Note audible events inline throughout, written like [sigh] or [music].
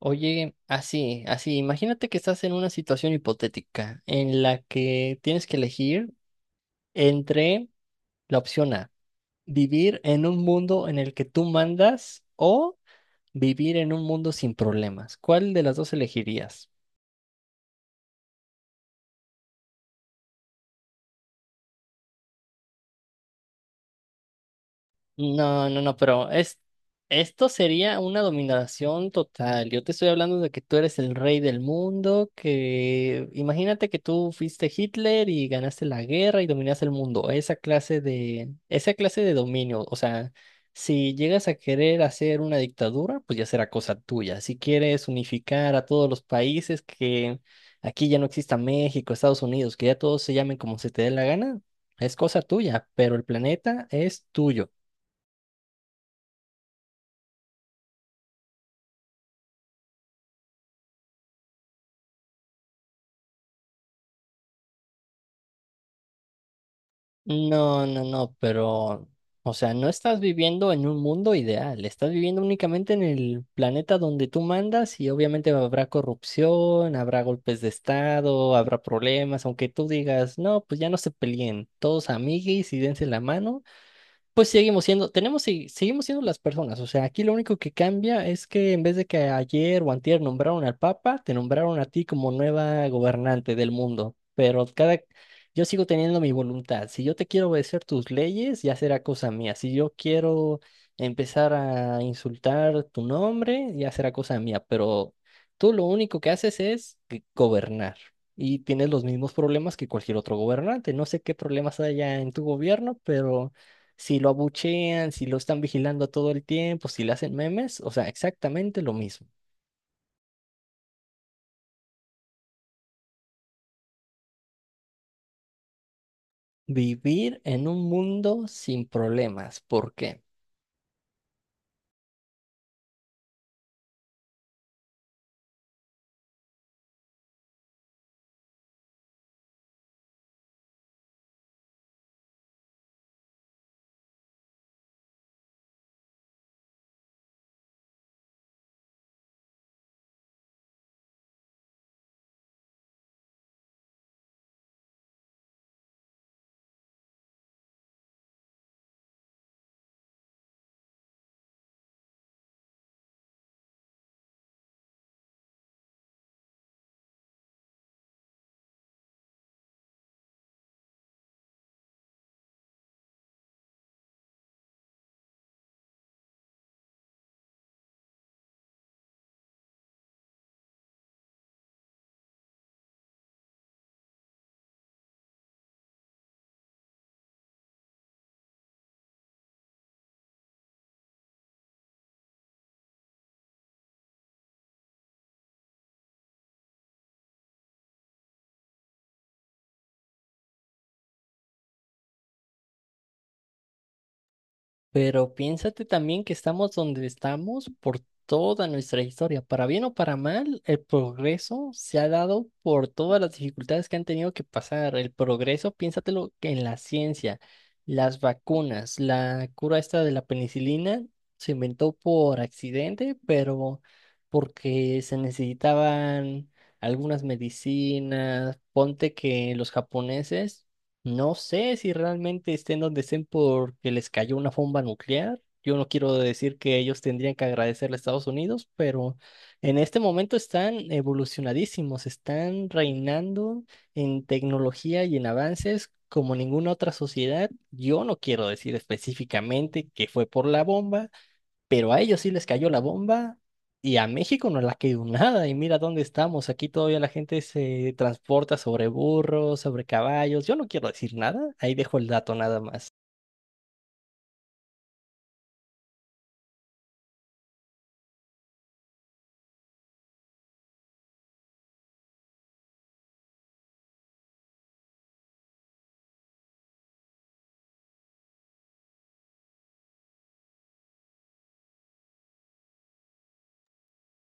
Oye, así, así, imagínate que estás en una situación hipotética en la que tienes que elegir entre la opción A, vivir en un mundo en el que tú mandas o vivir en un mundo sin problemas. ¿Cuál de las dos elegirías? No, no, no, pero esto sería una dominación total. Yo te estoy hablando de que tú eres el rey del mundo, que imagínate que tú fuiste Hitler y ganaste la guerra y dominaste el mundo. Esa clase de dominio. O sea, si llegas a querer hacer una dictadura, pues ya será cosa tuya. Si quieres unificar a todos los países, que aquí ya no exista México, Estados Unidos, que ya todos se llamen como se te dé la gana, es cosa tuya, pero el planeta es tuyo. No, no, no, pero, o sea, no estás viviendo en un mundo ideal, estás viviendo únicamente en el planeta donde tú mandas y obviamente habrá corrupción, habrá golpes de estado, habrá problemas, aunque tú digas, no, pues ya no se peleen, todos amiguis y dense la mano. Pues seguimos siendo, tenemos, sí, seguimos siendo las personas. O sea, aquí lo único que cambia es que en vez de que ayer o antier nombraron al Papa, te nombraron a ti como nueva gobernante del mundo. Pero yo sigo teniendo mi voluntad. Si yo te quiero obedecer tus leyes, ya será cosa mía. Si yo quiero empezar a insultar tu nombre, ya será cosa mía. Pero tú lo único que haces es gobernar. Y tienes los mismos problemas que cualquier otro gobernante. No sé qué problemas haya en tu gobierno, pero si lo abuchean, si lo están vigilando todo el tiempo, si le hacen memes, o sea, exactamente lo mismo. Vivir en un mundo sin problemas. ¿Por qué? Pero piénsate también que estamos donde estamos por toda nuestra historia. Para bien o para mal, el progreso se ha dado por todas las dificultades que han tenido que pasar. El progreso, piénsatelo que en la ciencia, las vacunas, la cura esta de la penicilina se inventó por accidente, pero porque se necesitaban algunas medicinas. Ponte que los japoneses no sé si realmente estén donde estén porque les cayó una bomba nuclear. Yo no quiero decir que ellos tendrían que agradecerle a Estados Unidos, pero en este momento están evolucionadísimos, están reinando en tecnología y en avances como ninguna otra sociedad. Yo no quiero decir específicamente que fue por la bomba, pero a ellos sí les cayó la bomba y a México no le ha caído nada. Y mira dónde estamos. Aquí todavía la gente se transporta sobre burros, sobre caballos. Yo no quiero decir nada. Ahí dejo el dato nada más.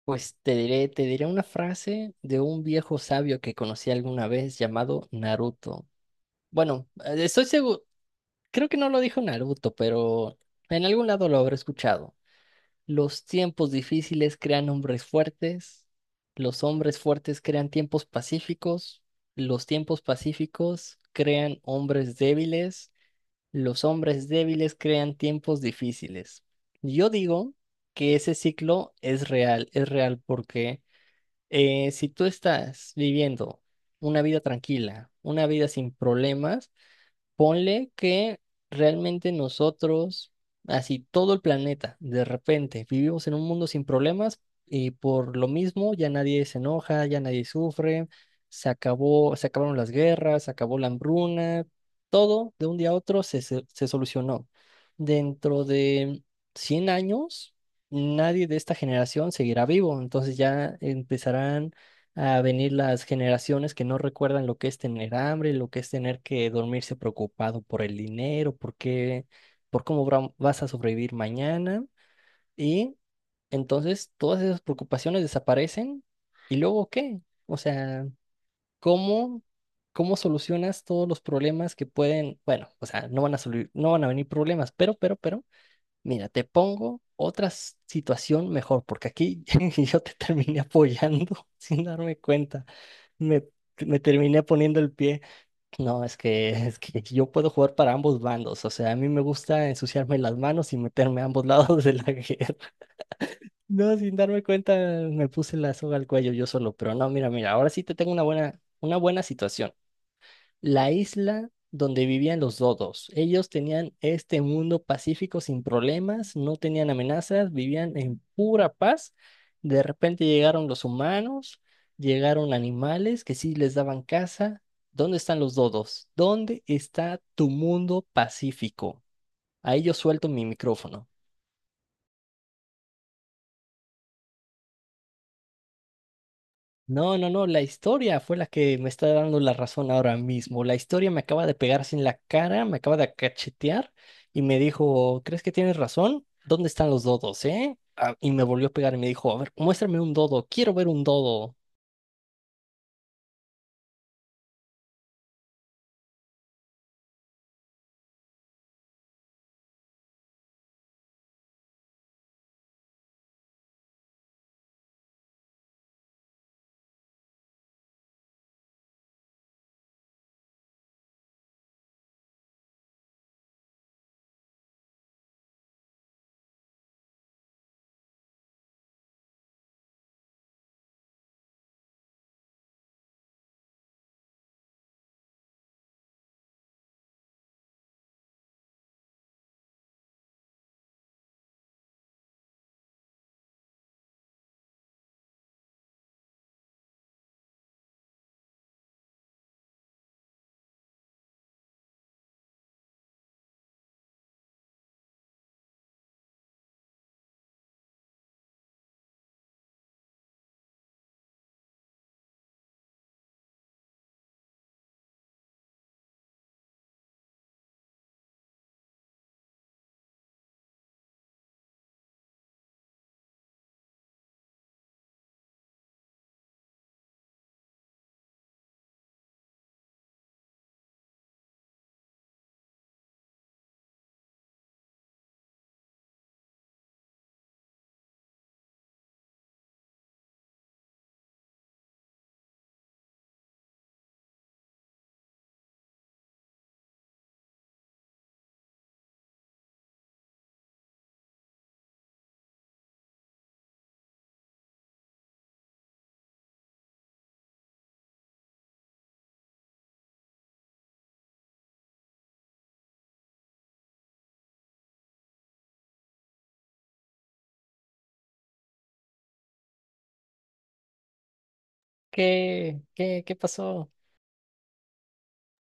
Pues te diré una frase de un viejo sabio que conocí alguna vez llamado Naruto. Bueno, estoy seguro, creo que no lo dijo Naruto, pero en algún lado lo habré escuchado. Los tiempos difíciles crean hombres fuertes, los hombres fuertes crean tiempos pacíficos, los tiempos pacíficos crean hombres débiles, los hombres débiles crean tiempos difíciles. Yo digo que ese ciclo es real porque si tú estás viviendo una vida tranquila, una vida sin problemas, ponle que realmente nosotros, así todo el planeta, de repente, vivimos en un mundo sin problemas y por lo mismo ya nadie se enoja, ya nadie sufre, se acabó, se acabaron las guerras, se acabó la hambruna, todo de un día a otro se solucionó. Dentro de 100 años, nadie de esta generación seguirá vivo, entonces ya empezarán a venir las generaciones que no recuerdan lo que es tener hambre, lo que es tener que dormirse preocupado por el dinero, por qué, por cómo vas a sobrevivir mañana. Y entonces todas esas preocupaciones desaparecen. ¿Y luego qué? O sea, ¿cómo, cómo solucionas todos los problemas que pueden, bueno, o sea, no van a venir problemas, pero, mira, te pongo otra situación mejor, porque aquí [laughs] yo te terminé apoyando [laughs] sin darme cuenta. Me, me terminé poniendo el pie. No, es que, [laughs] es que yo puedo jugar para ambos bandos. O sea, a mí me gusta ensuciarme las manos y meterme a ambos [laughs] lados de la guerra. No, sin darme cuenta, me puse la soga al cuello yo solo. Pero no, mira, mira, ahora sí te tengo una buena situación la isla donde vivían los dodos. Ellos tenían este mundo pacífico sin problemas, no tenían amenazas, vivían en pura paz. De repente llegaron los humanos, llegaron animales que sí les daban caza. ¿Dónde están los dodos? ¿Dónde está tu mundo pacífico? Ahí yo suelto mi micrófono. No, no, no, la historia fue la que me está dando la razón ahora mismo. La historia me acaba de pegar sin la cara, me acaba de cachetear y me dijo, ¿crees que tienes razón? ¿Dónde están los dodos, eh? Ah, y me volvió a pegar y me dijo, a ver, muéstrame un dodo, quiero ver un dodo. ¿Qué? ¿Qué? ¿Qué pasó?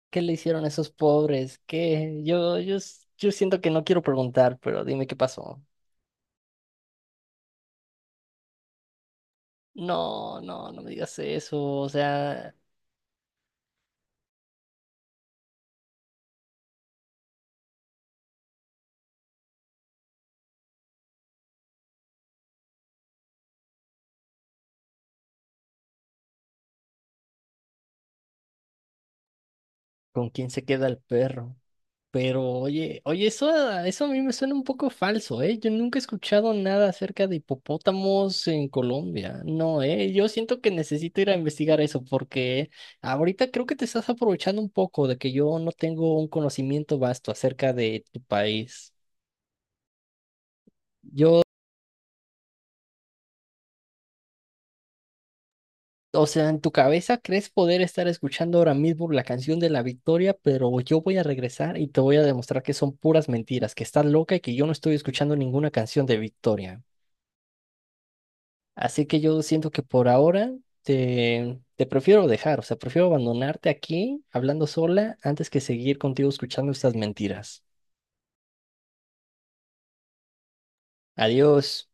¿Qué le hicieron a esos pobres? ¿Qué? Yo siento que no quiero preguntar, pero dime qué pasó. No, no, no me digas eso. O sea, ¿con quién se queda el perro? Pero oye, oye, eso a mí me suena un poco falso, ¿eh? Yo nunca he escuchado nada acerca de hipopótamos en Colombia. No, ¿eh? Yo siento que necesito ir a investigar eso porque ahorita creo que te estás aprovechando un poco de que yo no tengo un conocimiento vasto acerca de tu país. O sea, en tu cabeza crees poder estar escuchando ahora mismo la canción de la victoria, pero yo voy a regresar y te voy a demostrar que son puras mentiras, que estás loca y que yo no estoy escuchando ninguna canción de victoria. Así que yo siento que por ahora te prefiero dejar, o sea, prefiero abandonarte aquí hablando sola antes que seguir contigo escuchando estas mentiras. Adiós.